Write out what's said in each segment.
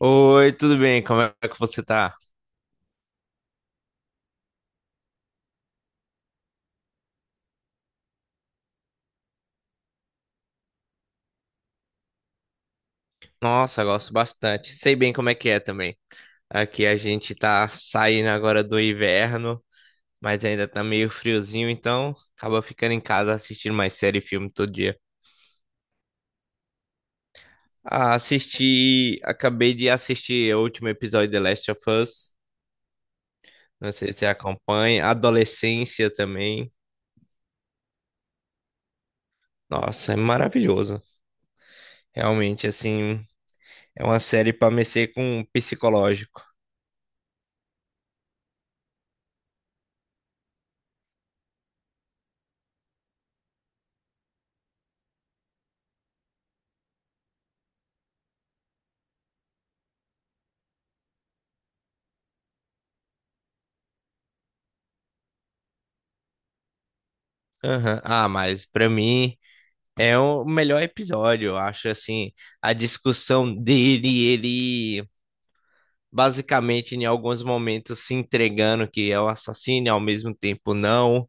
Oi, tudo bem? Como é que você tá? Nossa, gosto bastante. Sei bem como é que é também. Aqui a gente tá saindo agora do inverno, mas ainda tá meio friozinho, então acaba ficando em casa assistindo mais série e filme todo dia. Ah, assisti, acabei de assistir o último episódio de The Last of Us. Não sei se você acompanha. Adolescência também. Nossa, é maravilhoso. Realmente, assim, é uma série pra mexer com o psicológico. Aham. Ah, mas pra mim. É o melhor episódio, eu acho, assim, a discussão dele, ele basicamente em alguns momentos se entregando que é o assassino e ao mesmo tempo não.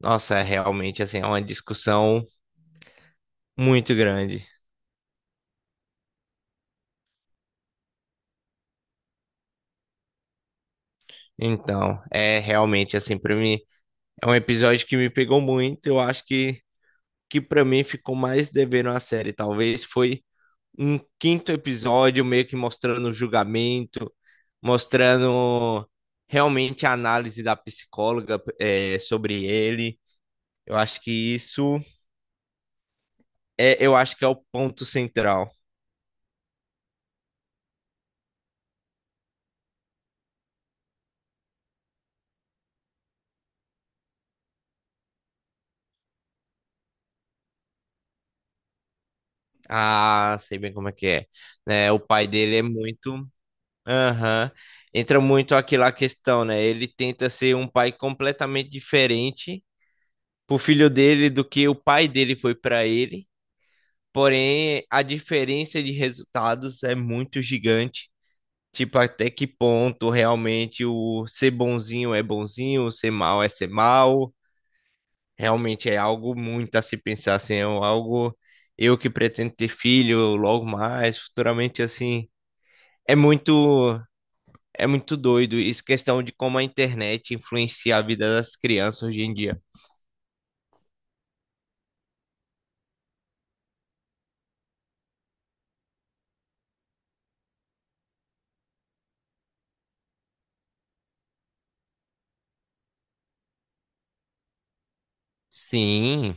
Nossa, é realmente, assim, é uma discussão muito grande. Então, é realmente, assim, pra mim, é um episódio que me pegou muito, eu acho que para mim ficou mais devendo a série, talvez foi um quinto episódio meio que mostrando o julgamento, mostrando realmente a análise da psicóloga, é, sobre ele. Eu acho que isso é, eu acho que é o ponto central. Ah, sei bem como é que é. Né, o pai dele é muito. Aham. Entra muito aquela questão, né? Ele tenta ser um pai completamente diferente pro filho dele do que o pai dele foi para ele. Porém, a diferença de resultados é muito gigante. Tipo, até que ponto realmente o ser bonzinho é bonzinho, ser mal é ser mal. Realmente é algo muito a se pensar, assim, é algo eu que pretendo ter filho logo mais, futuramente assim. É muito, é muito doido isso, questão de como a internet influencia a vida das crianças hoje em dia. Sim.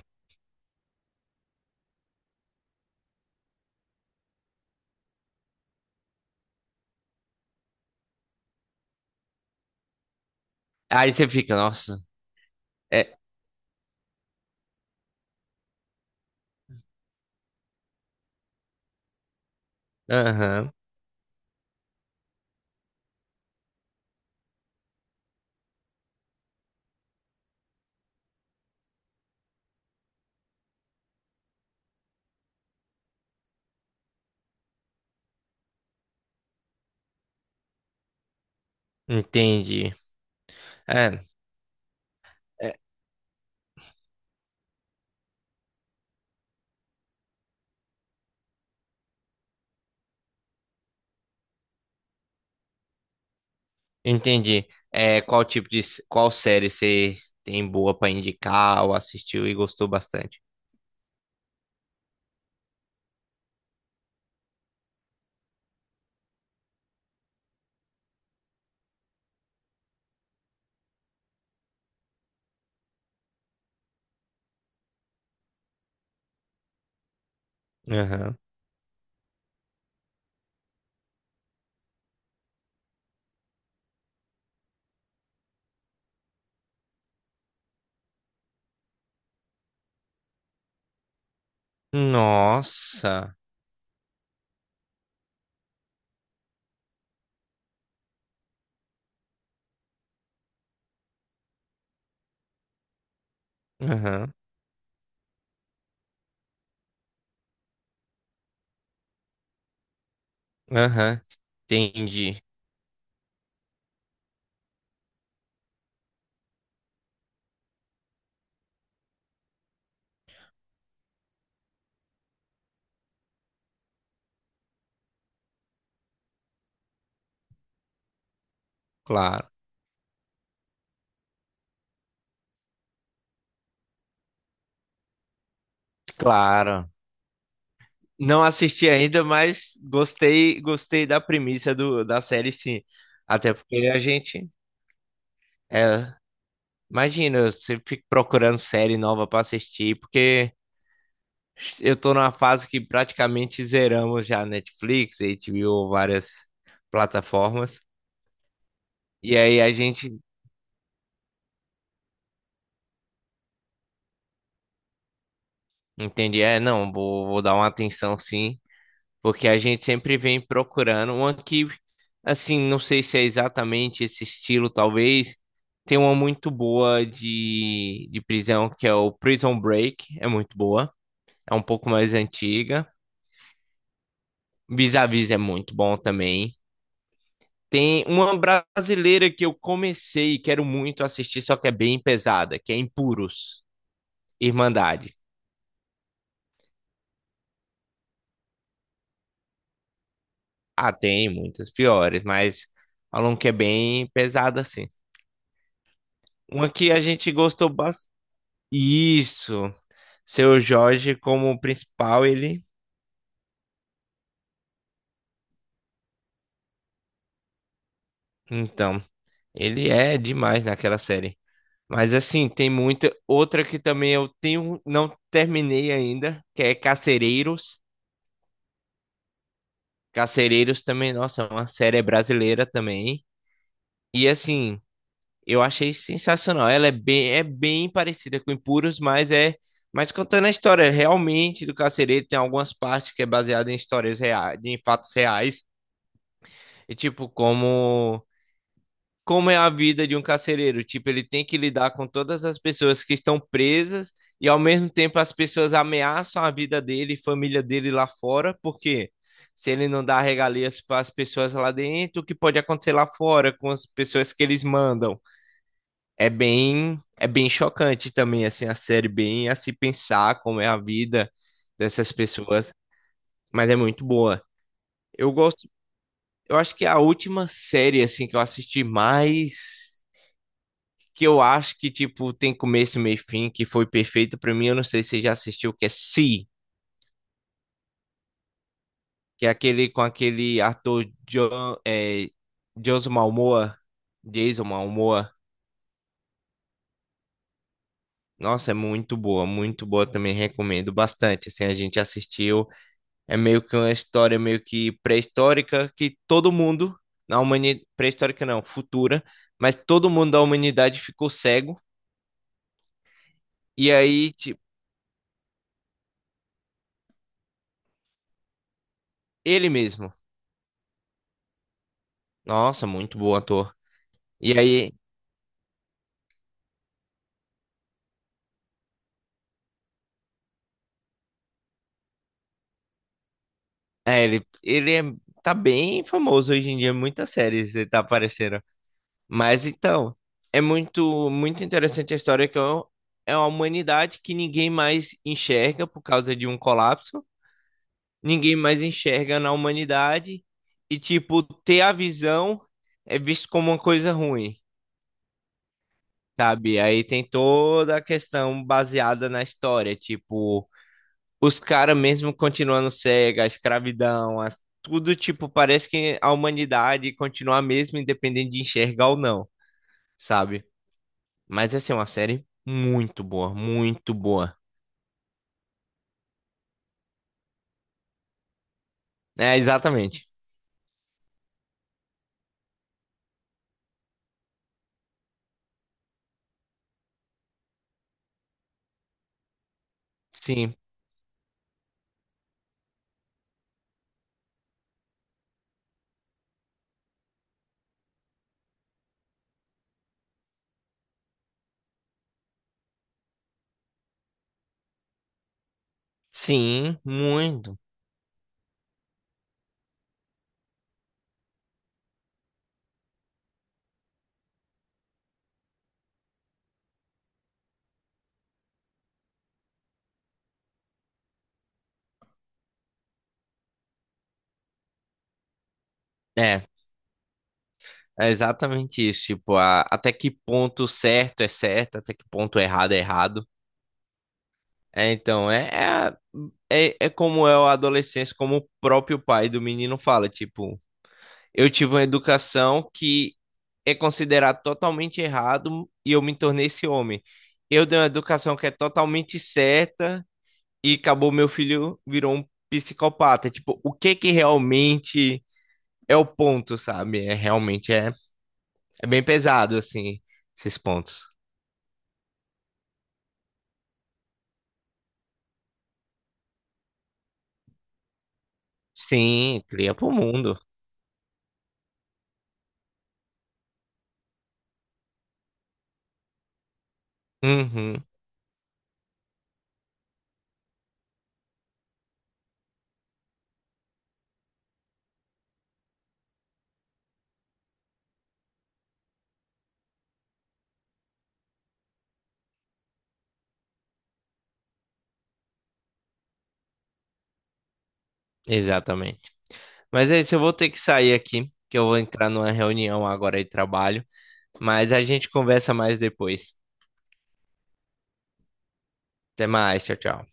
Aí você fica, nossa, é, aham, entendi. É. É. Entendi. É, qual tipo de, qual série você tem boa pra indicar ou assistiu e gostou bastante? Aham. Nossa. Aham. Aham. Entendi. Claro. Claro. Não assisti ainda, mas gostei, gostei da premissa do, da série, sim. Até porque a gente, é, imagina, eu sempre fico procurando série nova pra assistir, porque eu tô numa fase que praticamente zeramos já Netflix, HBO, várias plataformas. E aí a gente entende, é, não, vou, vou dar uma atenção sim. Porque a gente sempre vem procurando uma que, assim, não sei se é exatamente esse estilo, talvez. Tem uma muito boa de prisão, que é o Prison Break, é muito boa. É um pouco mais antiga. Vis-a-Vis é muito bom também. Tem uma brasileira que eu comecei e quero muito assistir, só que é bem pesada, que é Impuros, Irmandade. Ah, tem muitas piores, mas falam que é bem pesada assim. Uma que a gente gostou Isso. Seu Jorge como principal, ele. Então, ele é demais naquela série. Mas assim, tem muita. Outra que também eu tenho. Não terminei ainda, que é Carcereiros. Carcereiros também, nossa, é uma série brasileira também. E assim, eu achei sensacional. Ela é bem parecida com Impuros, mas é. Mas contando a história realmente do carcereiro, tem algumas partes que é baseada em histórias reais, em fatos reais. E tipo, como como é a vida de um carcereiro. Tipo, ele tem que lidar com todas as pessoas que estão presas e ao mesmo tempo as pessoas ameaçam a vida dele e família dele lá fora, porque se ele não dá regalias para as pessoas lá dentro, o que pode acontecer lá fora com as pessoas que eles mandam? É bem chocante também assim a série, bem a se pensar como é a vida dessas pessoas, mas é muito boa. Eu gosto, eu acho que é a última série assim que eu assisti mais, que eu acho que, tipo, tem começo, meio e fim, que foi perfeito pra mim. Eu não sei se você já assistiu, que é Si, que é aquele com aquele ator John, é, Jason Momoa, Jason Momoa. Nossa, é muito boa também, recomendo bastante. Assim, a gente assistiu, é meio que uma história meio que pré-histórica que todo mundo na humanidade, pré-histórica não, futura, mas todo mundo da humanidade ficou cego e aí, tipo, ele mesmo. Nossa, muito bom ator. E aí, é, ele é, tá bem famoso hoje em dia, muitas séries ele tá aparecendo. Mas então, é muito, muito interessante a história que é é uma humanidade que ninguém mais enxerga por causa de um colapso, ninguém mais enxerga na humanidade e tipo, ter a visão é visto como uma coisa ruim, sabe? Aí tem toda a questão baseada na história, tipo os caras mesmo continuando cega, a escravidão, tudo, tipo, parece que a humanidade continua a mesma, independente de enxergar ou não, sabe? Mas assim, é uma série muito boa, muito boa. É, exatamente. Sim, sim, muito. É, é exatamente isso. Tipo, até que ponto certo é certo, até que ponto errado. É, então, é, é, é, é como é o adolescência, como o próprio pai do menino fala, tipo, eu tive uma educação que é considerado totalmente errado e eu me tornei esse homem. Eu dei uma educação que é totalmente certa e acabou meu filho virou um psicopata. Tipo, o que que realmente é o ponto, sabe? É realmente é, é bem pesado assim esses pontos. Sim, cria pro mundo. Uhum, exatamente. Mas é isso, eu vou ter que sair aqui, que eu vou entrar numa reunião agora de trabalho, mas a gente conversa mais depois. Até mais, tchau, tchau.